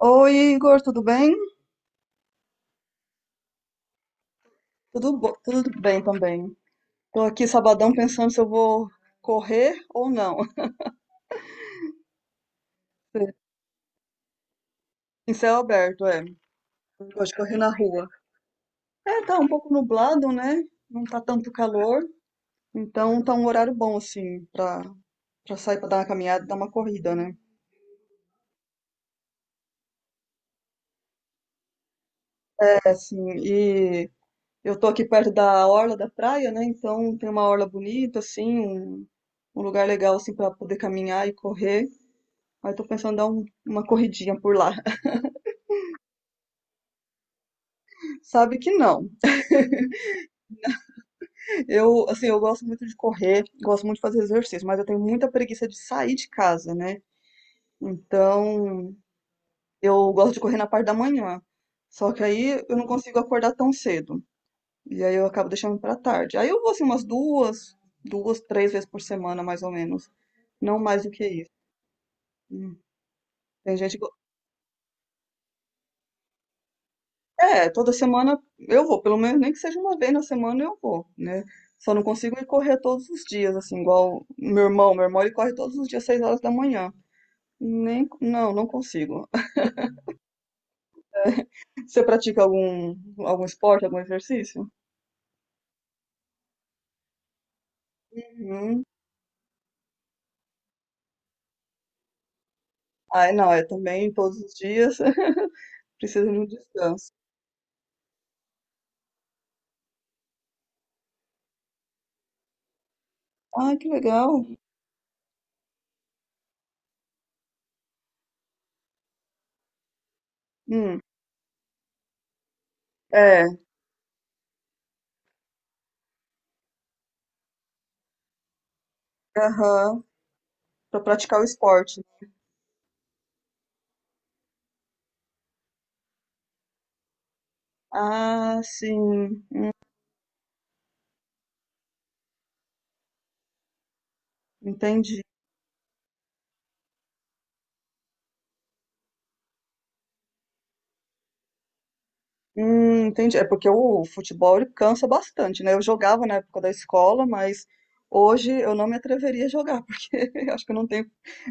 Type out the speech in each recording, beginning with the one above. Oi, Igor, tudo bem? Tudo, tudo bem também. Tô aqui sabadão pensando se eu vou correr ou não. Em céu aberto, é. Hoje corri na rua. É, tá um pouco nublado, né? Não tá tanto calor, então tá um horário bom assim pra para sair pra dar uma caminhada, dar uma corrida, né? É assim, e eu tô aqui perto da orla da praia, né? Então tem uma orla bonita assim, um lugar legal assim para poder caminhar e correr. Aí tô pensando em dar uma corridinha por lá. Sabe que não. Eu, assim, eu gosto muito de correr, gosto muito de fazer exercício, mas eu tenho muita preguiça de sair de casa, né? Então, eu gosto de correr na parte da manhã. Só que aí eu não consigo acordar tão cedo. E aí eu acabo deixando pra tarde. Aí eu vou assim umas duas, duas, três vezes por semana, mais ou menos. Não mais do que isso. Hum. Tem gente, é, toda semana eu vou, pelo menos nem que seja uma vez na semana eu vou, né? Só não consigo ir correr todos os dias, assim, igual meu irmão. Meu irmão ele corre todos os dias, 6 horas da manhã. Nem, não, não consigo. Você pratica algum esporte, algum exercício? Uhum. Ai, não, é também todos os dias, precisa de um descanso. Ah, que legal. Hum, é, aham, pra praticar o esporte. Ah, sim, entendi. Entendi. É porque o futebol ele cansa bastante, né? Eu jogava na época da escola, mas hoje eu não me atreveria a jogar, porque eu acho que eu não tenho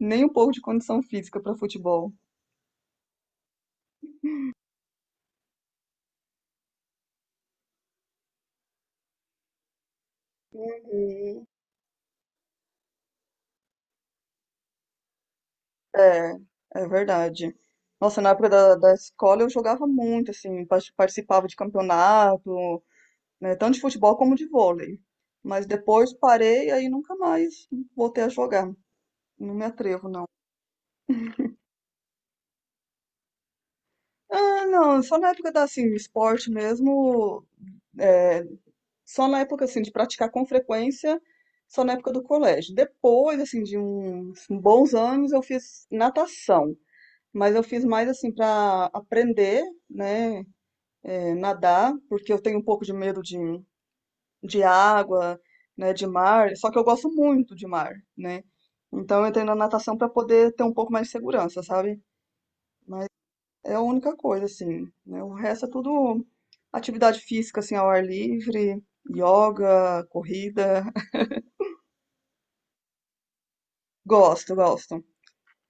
nem um pouco de condição física para futebol. Hum, É, é verdade. Nossa, na época da escola eu jogava muito, assim, participava de campeonato, né, tanto de futebol como de vôlei. Mas depois parei, aí nunca mais voltei a jogar. Não me atrevo, não. Ah, não, só na época da, assim, esporte mesmo, é, só na época, assim, de praticar com frequência, só na época do colégio. Depois, assim, de uns bons anos, eu fiz natação, mas eu fiz mais, assim, para aprender, né, é, nadar, porque eu tenho um pouco de medo de água, né, de mar, só que eu gosto muito de mar, né? Então, eu entrei na natação para poder ter um pouco mais de segurança, sabe? É a única coisa, assim, né? O resto é tudo atividade física, assim, ao ar livre, yoga, corrida. Gosto, gosto.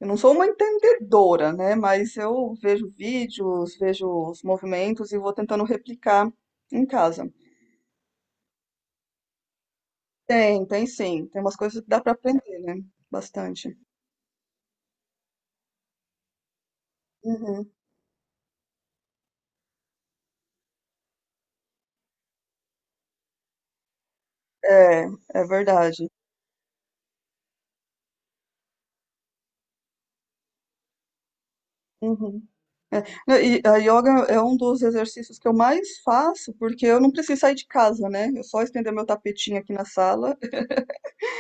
Eu não sou uma entendedora, né? Mas eu vejo vídeos, vejo os movimentos e vou tentando replicar em casa. Tem, tem sim. Tem umas coisas que dá para aprender, né? Bastante. Uhum. É, é verdade. Uhum. É, não, e a yoga é um dos exercícios que eu mais faço, porque eu não preciso sair de casa, né? Eu só estender meu tapetinho aqui na sala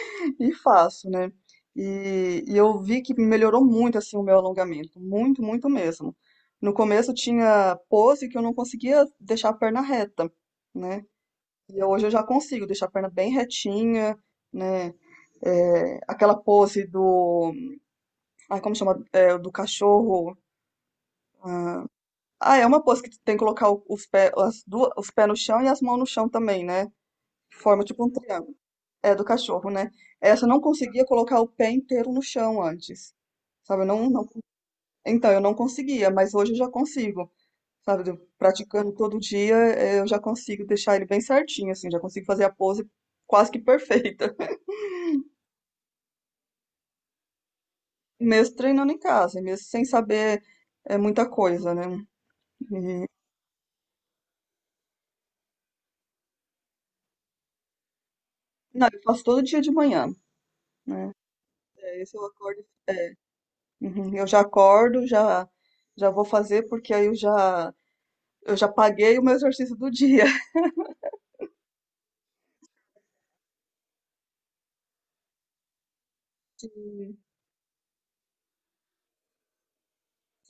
e faço, né? E eu vi que melhorou muito, assim, o meu alongamento. Muito, muito mesmo. No começo tinha pose que eu não conseguia deixar a perna reta, né? E hoje eu já consigo deixar a perna bem retinha, né? É, aquela pose do, ai, como chama? É, do cachorro. Ah, Ah, é uma pose que tu tem que colocar os pés, as duas, os pés no chão e as mãos no chão também, né? Forma tipo um triângulo. É do cachorro, né? Essa eu não conseguia colocar o pé inteiro no chão antes, sabe? Eu não, não, então eu não conseguia, mas hoje eu já consigo, sabe? Eu praticando todo dia, eu já consigo deixar ele bem certinho, assim, já consigo fazer a pose quase que perfeita. Mesmo treinando em casa, mesmo sem saber muita coisa, né? E- não, eu faço todo dia de manhã, né? É, esse eu acordo. É, uhum, eu já acordo, já vou fazer porque aí eu já paguei o meu exercício do dia.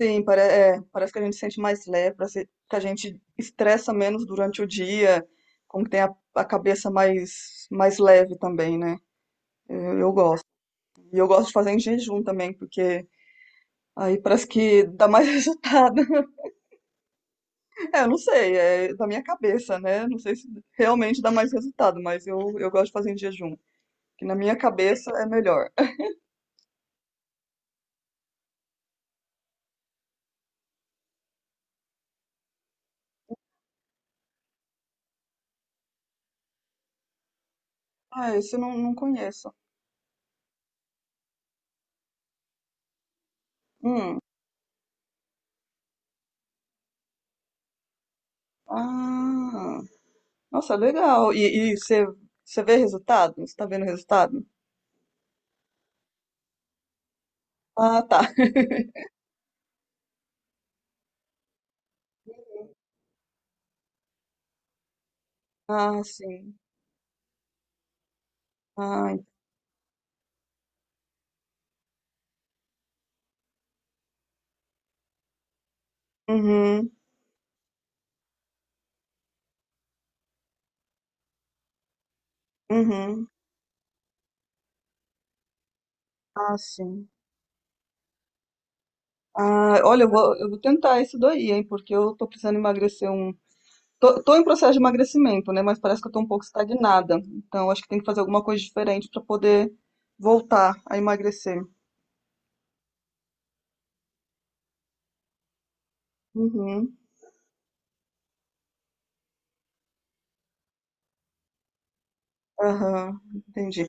Sim, parece que a gente se sente mais leve, parece que a gente estressa menos durante o dia, como que tem a cabeça mais leve também, né? Eu gosto. E eu gosto de fazer em jejum também, porque aí parece que dá mais resultado. É, eu não sei, é da minha cabeça, né? Não sei se realmente dá mais resultado, mas eu gosto de fazer em jejum, que na minha cabeça é melhor. Ah, esse eu não, não conheço. Hum. Ah, nossa, legal. E você vê resultado? Você tá vendo resultado? Ah, tá. Ah, sim. Ah, uhum, uhum. Ah, sim. Ah, olha, eu vou tentar isso daí, hein, porque eu tô precisando emagrecer um. Tô em processo de emagrecimento, né, mas parece que eu tô um pouco estagnada. Então, acho que tem que fazer alguma coisa diferente para poder voltar a emagrecer. Uhum, aham, entendi.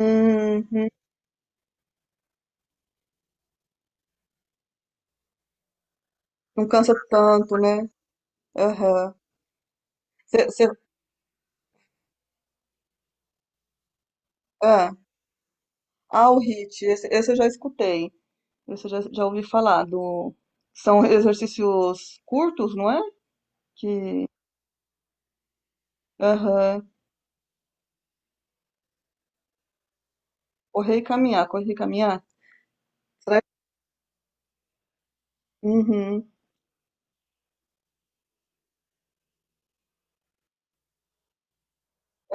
Uhum. Não cansa tanto, né? Aham. Cê- cê- ah, o HIIT, esse eu já escutei. Esse eu já ouvi falar do. São exercícios curtos, não é? Que. Aham. Correr e caminhar, correr e caminhar. Será que- Uhum.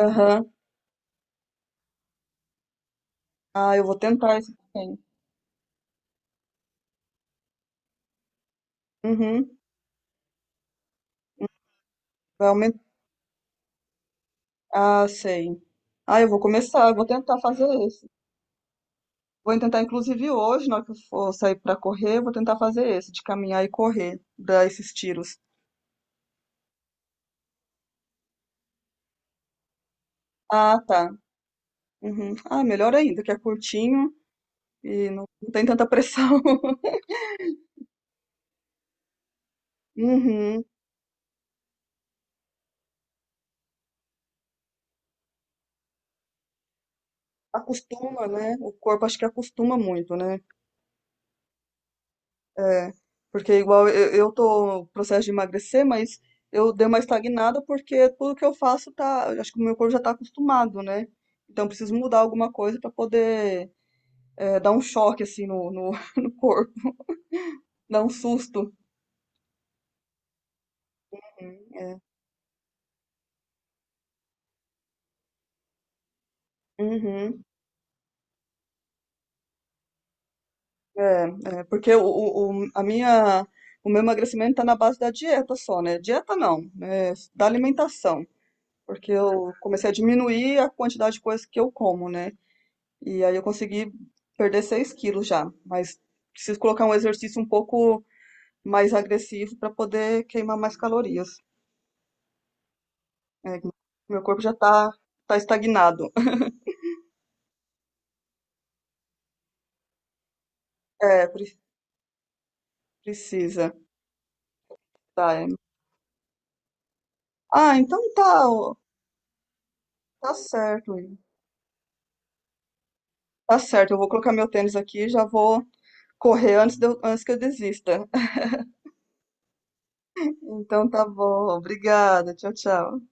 Aham. Ah, eu vou tentar esse também. Uhum. Vai aumentar. Ah, sei. Ah, eu vou começar, eu vou tentar fazer esse. Vou tentar, inclusive, hoje, na hora que eu for sair para correr, eu vou tentar fazer esse, de caminhar e correr, dar esses tiros. Ah, tá. Uhum. Ah, melhor ainda, que é curtinho e não tem tanta pressão. Uhum. Acostuma, né? O corpo acho que acostuma muito, né? É, porque igual eu tô no processo de emagrecer, mas eu dei uma estagnada porque tudo que eu faço tá, eu acho que o meu corpo já tá acostumado, né? Então eu preciso mudar alguma coisa para poder dar um choque assim no corpo, dar um susto. Uhum, é. Uhum. É, é, porque a minha, o meu emagrecimento está na base da dieta só, né? Dieta não, da alimentação. Porque eu comecei a diminuir a quantidade de coisas que eu como, né? E aí eu consegui perder 6 quilos já. Mas preciso colocar um exercício um pouco mais agressivo para poder queimar mais calorias. É, meu corpo já está tá tá estagnado. É, precisa. Tá, é. Ah, então tá, ó, tá certo. Tá certo, eu vou colocar meu tênis aqui e já vou correr antes, antes que eu desista. Então tá bom, obrigada, tchau, tchau.